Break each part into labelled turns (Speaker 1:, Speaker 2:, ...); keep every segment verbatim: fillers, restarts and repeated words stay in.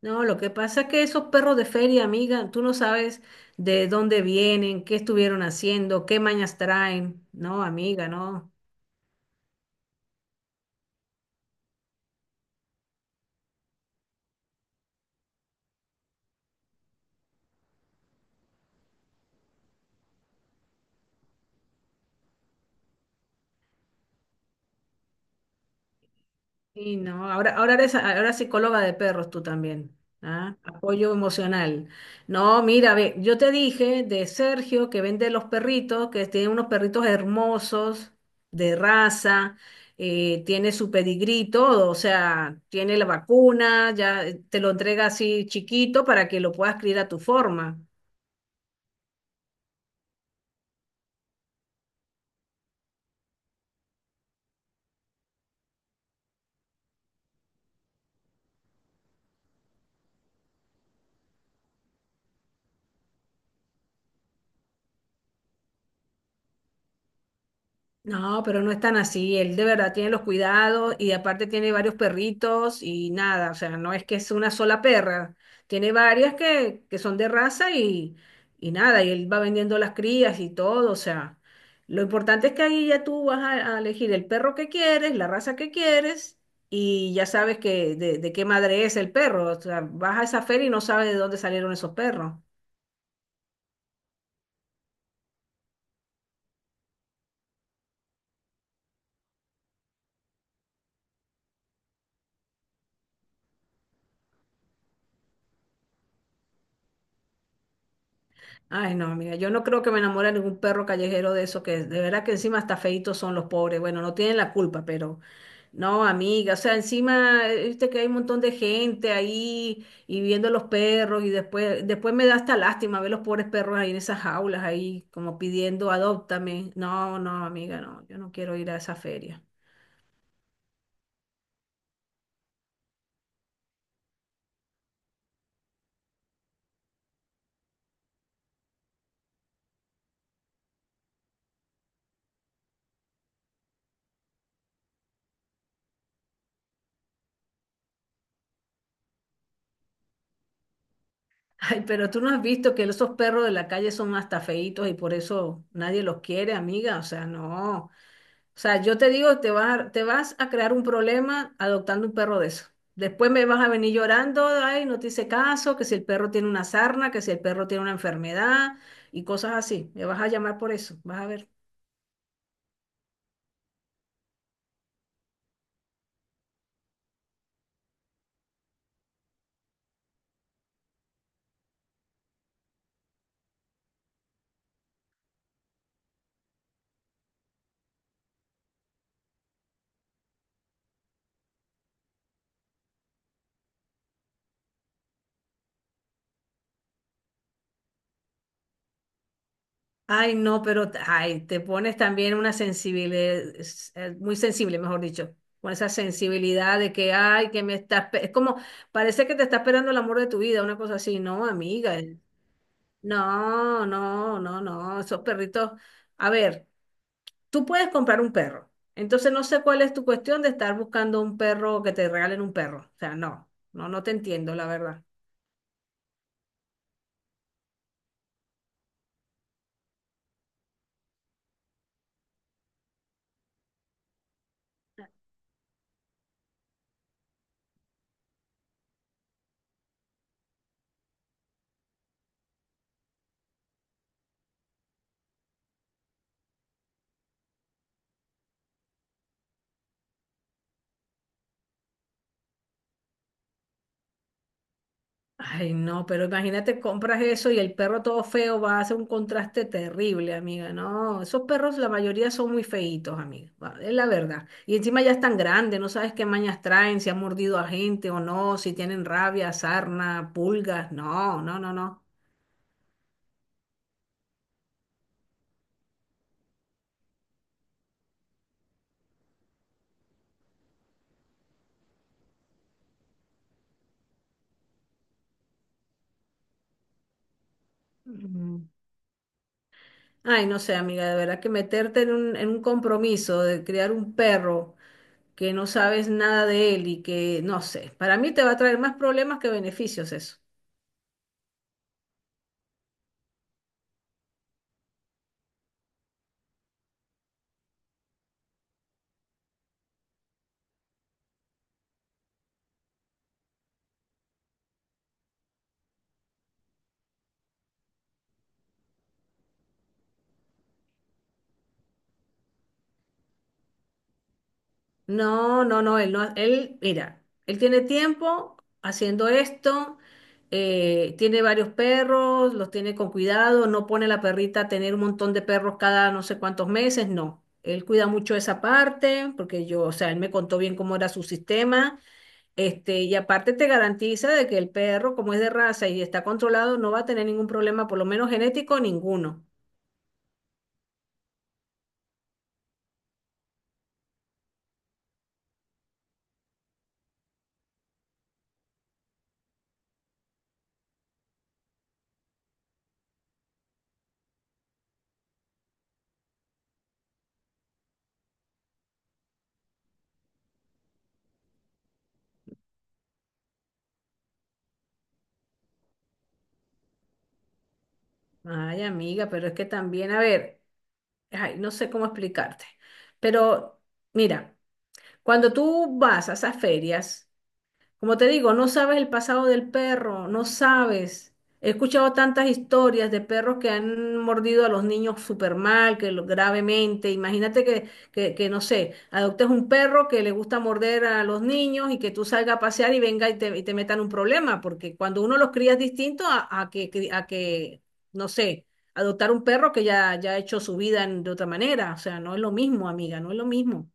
Speaker 1: No, lo que pasa es que esos perros de feria, amiga, tú no sabes de dónde vienen, qué estuvieron haciendo, qué mañas traen. No, amiga, no. Sí, no. Ahora, ahora eres, ahora psicóloga de perros tú también. ¿Ah? Apoyo emocional. No, mira, ve, yo te dije de Sergio que vende los perritos, que tiene unos perritos hermosos, de raza, eh, tiene su pedigrí, y todo, o sea, tiene la vacuna, ya eh, te lo entrega así chiquito para que lo puedas criar a tu forma. No, pero no es tan así. Él de verdad tiene los cuidados y aparte tiene varios perritos y nada, o sea, no es que es una sola perra. Tiene varias que, que son de raza y, y nada, y él va vendiendo las crías y todo, o sea, lo importante es que ahí ya tú vas a, a elegir el perro que quieres, la raza que quieres y ya sabes que de, de qué madre es el perro. O sea, vas a esa feria y no sabes de dónde salieron esos perros. Ay, no, mira, yo no creo que me enamore de ningún perro callejero de eso, que de verdad que encima hasta feitos son los pobres. Bueno, no tienen la culpa, pero no, amiga, o sea, encima, eh, viste que hay un montón de gente ahí y viendo los perros y después, después me da hasta lástima ver los pobres perros ahí en esas jaulas, ahí como pidiendo, adóptame. No, no, amiga, no, yo no quiero ir a esa feria. Ay, pero tú no has visto que esos perros de la calle son hasta feitos y por eso nadie los quiere, amiga, o sea, no. O sea, yo te digo, te vas a, te vas a crear un problema adoptando un perro de eso. Después me vas a venir llorando, ay, no te hice caso, que si el perro tiene una sarna, que si el perro tiene una enfermedad y cosas así. Me vas a llamar por eso, vas a ver. Ay, no, pero, t- ay, te pones también una sensibilidad, muy sensible, mejor dicho, con esa sensibilidad de que, ay, que me estás, pe- es como, parece que te está esperando el amor de tu vida, una cosa así. No, amiga, eh, no, no, no, no, esos perritos. A ver. Tú puedes comprar un perro. Entonces no sé cuál es tu cuestión de estar buscando un perro, que te regalen un perro. O sea, no, no, no te entiendo, la verdad. Ay, no, pero imagínate, compras eso y el perro todo feo va a hacer un contraste terrible, amiga. No, esos perros la mayoría son muy feitos, amiga. va, Es la verdad. Y encima ya están grandes, no sabes qué mañas traen, si han mordido a gente o no, si tienen rabia, sarna, pulgas. No, no, no, no. Mm. Ay, no sé, amiga, de verdad que meterte en un, en un compromiso de criar un perro que no sabes nada de él y que, no sé, para mí te va a traer más problemas que beneficios eso. No, no, no, él no, él, mira, él tiene tiempo haciendo esto, eh, tiene varios perros, los tiene con cuidado, no pone a la perrita a tener un montón de perros cada no sé cuántos meses, no. Él cuida mucho esa parte, porque yo, o sea, él me contó bien cómo era su sistema, este, y aparte te garantiza de que el perro, como es de raza y está controlado, no va a tener ningún problema, por lo menos genético, ninguno. Ay, amiga, pero es que también, a ver. Ay, no sé cómo explicarte, pero mira, cuando tú vas a esas ferias, como te digo, no sabes el pasado del perro, no sabes. He escuchado tantas historias de perros que han mordido a los niños súper mal, que lo, gravemente. Imagínate que, que, que, no sé, adoptes un perro que le gusta morder a los niños y que tú salgas a pasear y venga y te, y te metan un problema, porque cuando uno los cría es distinto a, a que, cri- a que, no sé, adoptar un perro que ya, ya ha hecho su vida en- de otra manera. O sea, no es lo mismo, amiga, no es lo mismo.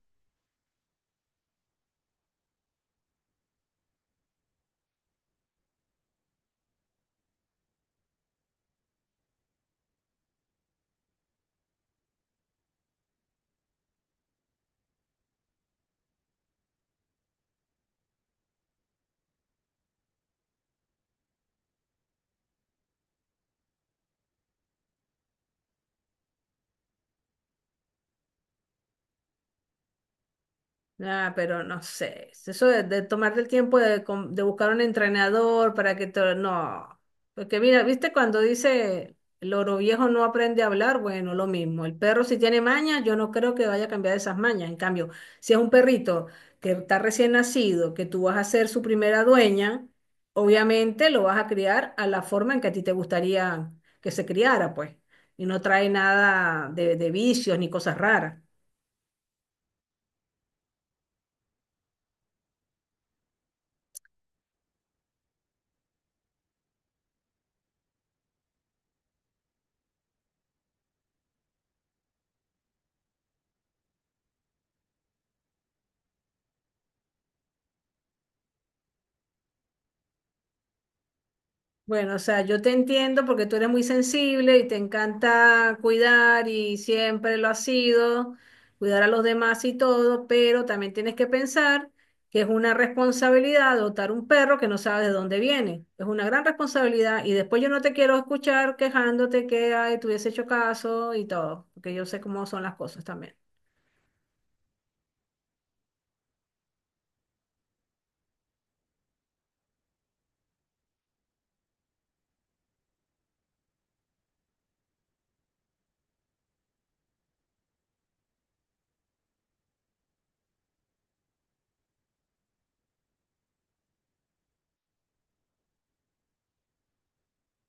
Speaker 1: Ah, pero no sé, eso de, de tomarte el tiempo de, com- de buscar un entrenador para que te... No, porque mira, viste cuando dice el oro viejo no aprende a hablar, bueno, lo mismo, el perro si tiene mañas, yo no creo que vaya a cambiar esas mañas, en cambio, si es un perrito que está recién nacido, que tú vas a ser su primera dueña, obviamente lo vas a criar a la forma en que a ti te gustaría que se criara, pues, y no trae nada de, de vicios ni cosas raras. Bueno, o sea, yo te entiendo porque tú eres muy sensible y te encanta cuidar y siempre lo has sido, cuidar a los demás y todo, pero también tienes que pensar que es una responsabilidad adoptar un perro que no sabes de dónde viene. Es una gran responsabilidad y después yo no te quiero escuchar quejándote que ay, te hubiese hecho caso y todo, porque yo sé cómo son las cosas también.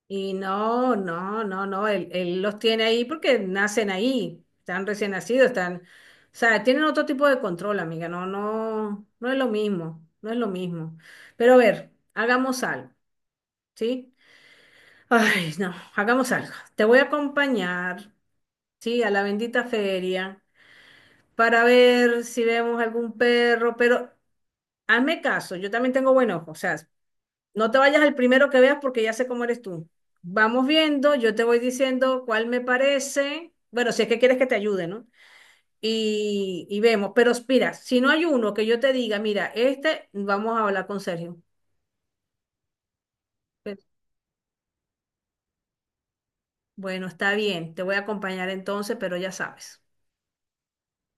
Speaker 1: Y no, no, no, no, él, él los tiene ahí porque nacen ahí, están recién nacidos, están, o sea, tienen otro tipo de control, amiga, no, no, no es lo mismo, no es lo mismo. Pero a ver, hagamos algo, ¿sí? Ay, no, hagamos algo. Te voy a acompañar, ¿sí? A la bendita feria para ver si vemos algún perro, pero hazme caso, yo también tengo buen ojo, o sea, no te vayas al primero que veas porque ya sé cómo eres tú. Vamos viendo, yo te voy diciendo cuál me parece. Bueno, si es que quieres que te ayude, ¿no? Y, y vemos. Pero mira, si no hay uno que yo te diga, mira, este, vamos a hablar con Sergio. Pues, bueno, está bien, te voy a acompañar entonces, pero ya sabes.